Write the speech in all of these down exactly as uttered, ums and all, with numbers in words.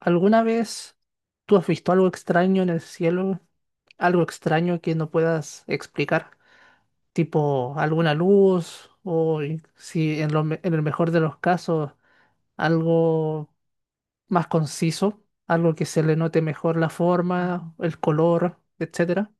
¿Alguna vez tú has visto algo extraño en el cielo? Algo extraño que no puedas explicar, tipo alguna luz o y- si en lo me- en el mejor de los casos algo más conciso, algo que se le note mejor la forma, el color, etcétera.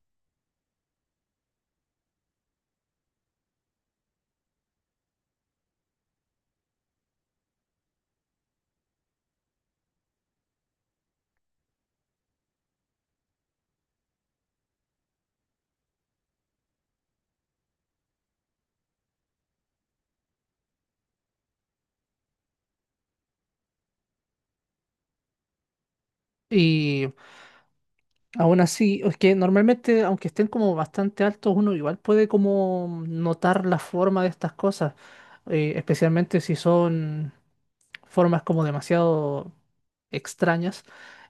Y aún así, es que normalmente aunque estén como bastante altos, uno igual puede como notar la forma de estas cosas, eh, especialmente si son formas como demasiado extrañas.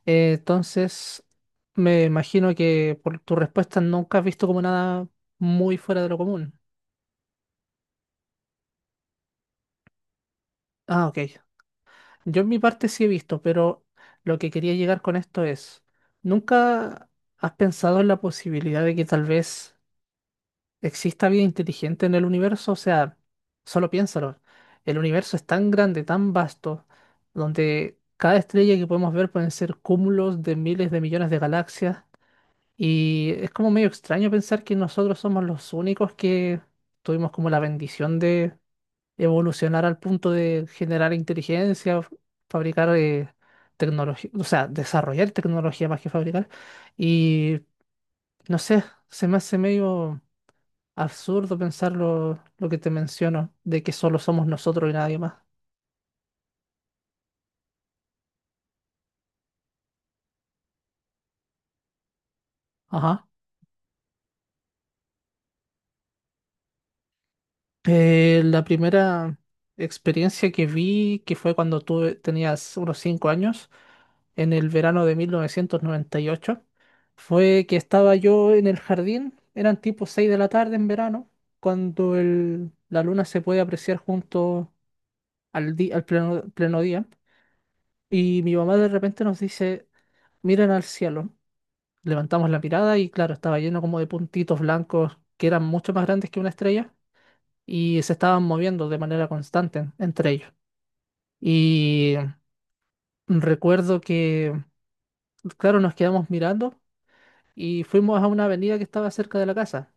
Eh, entonces, me imagino que por tu respuesta nunca has visto como nada muy fuera de lo común. Ah, ok. Yo en mi parte sí he visto, pero lo que quería llegar con esto es, ¿nunca has pensado en la posibilidad de que tal vez exista vida inteligente en el universo? O sea, solo piénsalo. El universo es tan grande, tan vasto, donde cada estrella que podemos ver pueden ser cúmulos de miles de millones de galaxias. Y es como medio extraño pensar que nosotros somos los únicos que tuvimos como la bendición de evolucionar al punto de generar inteligencia, f- fabricar eh, tecnología, o sea, desarrollar tecnología más que fabricar. Y no sé, se me hace medio absurdo pensar lo, lo que te menciono, de que solo somos nosotros y nadie más. Ajá. Eh, la primera experiencia que vi, que fue cuando tuve, tenías unos cinco años, en el verano de mil novecientos noventa y ocho fue que estaba yo en el jardín, eran tipo seis de la tarde en verano, cuando el- la luna se puede apreciar junto al, di- al pleno, pleno día, y mi mamá de repente nos dice, miren al cielo, levantamos la mirada y claro, estaba lleno como de puntitos blancos que eran mucho más grandes que una estrella y se estaban moviendo de manera constante entre ellos. Y recuerdo que, claro, nos quedamos mirando. Y fuimos a una avenida que estaba cerca de la casa.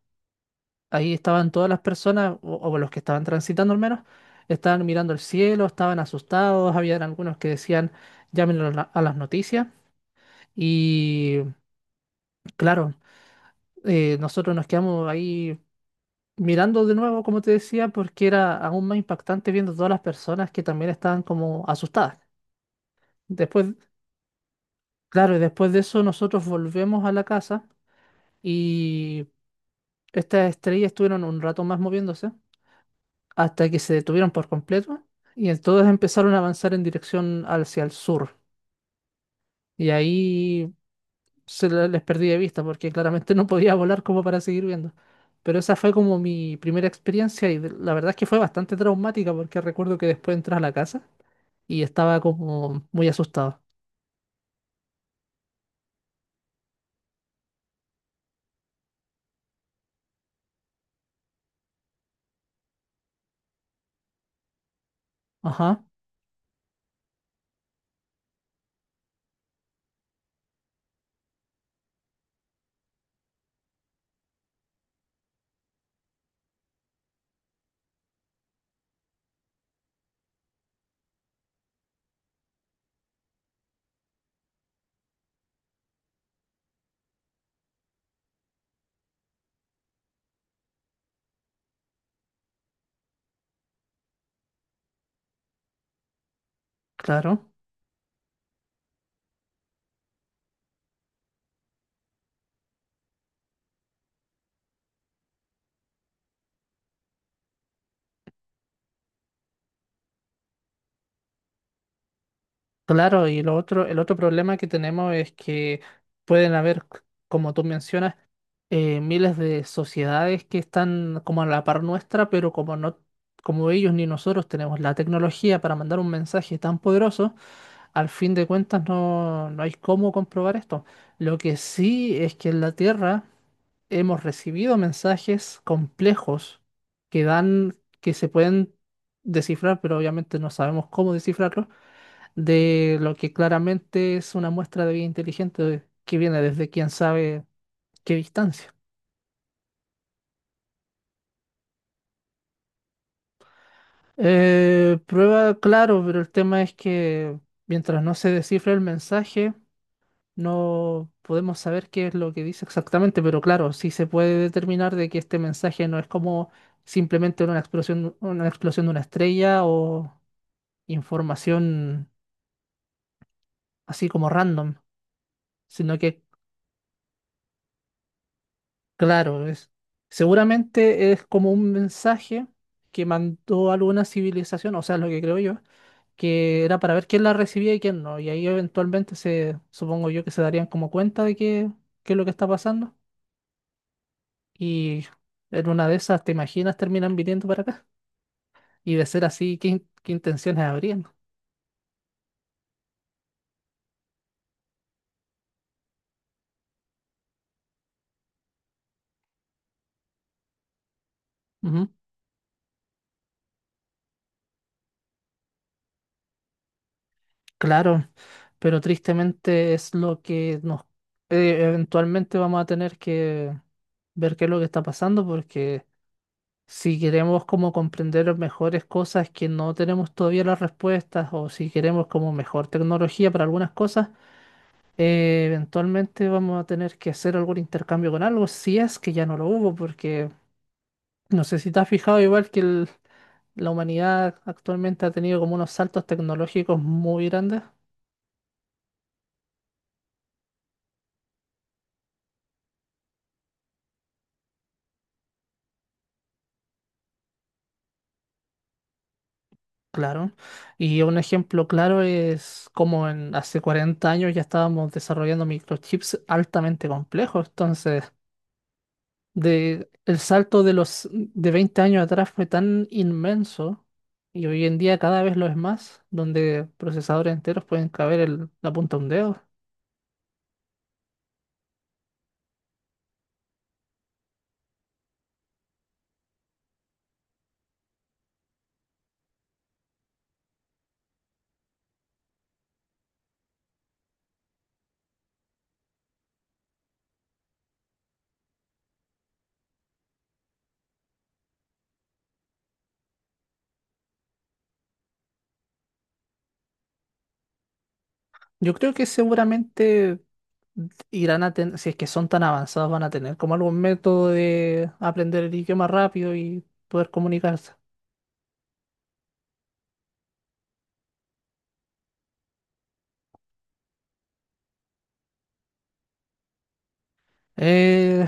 Ahí estaban todas las personas, o, o los que estaban transitando al menos, estaban mirando el cielo, estaban asustados, había algunos que decían, llámenlo a, la- a las noticias. Y claro, eh, nosotros nos quedamos ahí mirando de nuevo, como te decía, porque era aún más impactante viendo todas las personas que también estaban como asustadas. Después, claro, y después de eso nosotros volvemos a la casa y estas estrellas estuvieron un rato más moviéndose, hasta que se detuvieron por completo y entonces empezaron a avanzar en dirección hacia el sur. Y ahí se le- les perdí de vista porque claramente no podía volar como para seguir viendo. Pero esa fue como mi primera experiencia y de- la verdad es que fue bastante traumática porque recuerdo que después entré a la casa y estaba como muy asustado. Ajá, claro. Claro, y lo otro, el otro problema que tenemos es que pueden haber, c- como tú mencionas, eh, miles de sociedades que están como a la par nuestra, pero como no, como ellos ni nosotros tenemos la tecnología para mandar un mensaje tan poderoso, al fin de cuentas no, no hay cómo comprobar esto. Lo que sí es que en la Tierra hemos recibido mensajes complejos que dan, que se pueden descifrar, pero obviamente no sabemos cómo descifrarlos, de lo que claramente es una muestra de vida inteligente que viene desde quién sabe qué distancia. Eh, prueba, claro, pero el tema es que mientras no se descifre el mensaje, no podemos saber qué es lo que dice exactamente, pero claro, sí se puede determinar de que este mensaje no es como simplemente una explosión, una explosión de una estrella o información así como random, sino que, claro, es, seguramente es como un mensaje que mandó alguna civilización, o sea, lo que creo yo que era para ver quién la recibía y quién no. Y ahí eventualmente se, supongo yo que se darían como cuenta de qué, qué es lo que está pasando. Y en una de esas, ¿te imaginas terminan viniendo para acá? Y de ser así, ¿qué, in- qué intenciones habrían? Ujú. Claro, pero tristemente es lo que nos eh, eventualmente vamos a tener que ver qué es lo que está pasando porque si queremos como comprender mejores cosas que no tenemos todavía las respuestas o si queremos como mejor tecnología para algunas cosas, eh, eventualmente vamos a tener que hacer algún intercambio con algo, si es que ya no lo hubo, porque no sé si te has fijado igual que el- la humanidad actualmente ha tenido como unos saltos tecnológicos muy grandes. Claro, y un ejemplo claro es como en hace cuarenta años ya estábamos desarrollando microchips altamente complejos, entonces de el salto de los de veinte años atrás fue tan inmenso y hoy en día cada vez lo es más, donde procesadores enteros pueden caber el- la punta de un dedo. Yo creo que seguramente irán a tener, si es que son tan avanzados, van a tener como algún método de aprender el idioma rápido y poder comunicarse. Eh,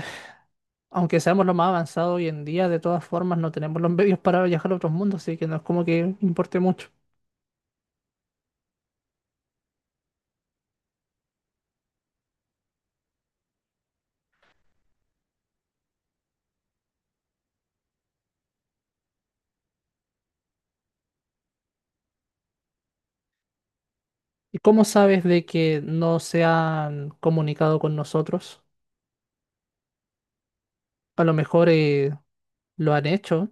aunque seamos lo más avanzados hoy en día, de todas formas no tenemos los medios para viajar a otros mundos, así que no es como que importe mucho. ¿Y cómo sabes de que no se han comunicado con nosotros? A lo mejor eh, lo han hecho.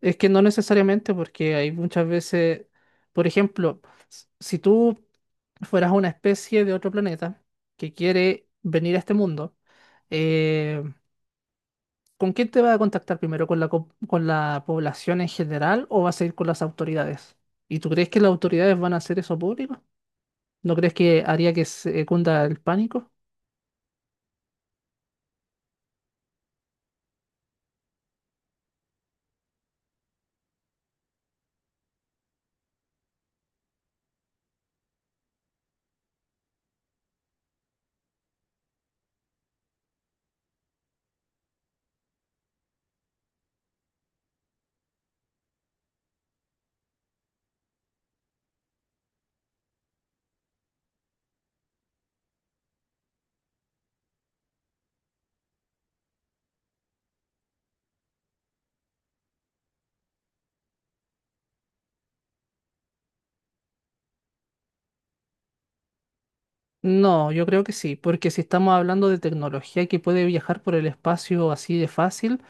Es que no necesariamente, porque hay muchas veces, por ejemplo, s- si tú fueras una especie de otro planeta que quiere venir a este mundo, eh, ¿con quién te va a contactar primero? ¿Con la, co- con la población en general o vas a ir con las autoridades? ¿Y tú crees que las autoridades van a hacer eso público? ¿No crees que haría que se cunda el pánico? No, yo creo que sí, porque si estamos hablando de tecnología que puede viajar por el espacio así de fácil,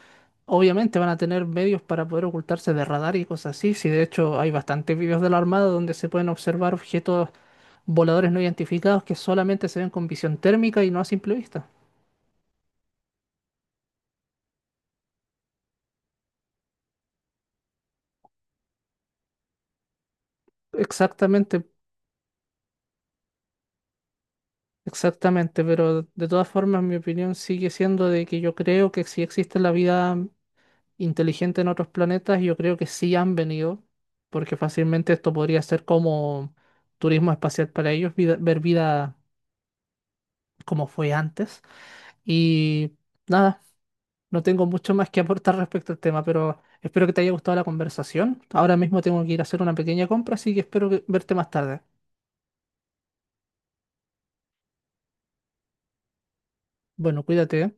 obviamente van a tener medios para poder ocultarse de radar y cosas así. Si de hecho hay bastantes videos de la Armada donde se pueden observar objetos voladores no identificados que solamente se ven con visión térmica y no a simple vista. Exactamente, exactamente, pero de todas formas mi opinión sigue siendo de que yo creo que si existe la vida inteligente en otros planetas, yo creo que sí han venido, porque fácilmente esto podría ser como turismo espacial para ellos, vida- ver vida como fue antes. Y nada, no tengo mucho más que aportar respecto al tema, pero espero que te haya gustado la conversación. Ahora mismo tengo que ir a hacer una pequeña compra, así que espero que verte más tarde. Bueno, cuídate, ¿eh?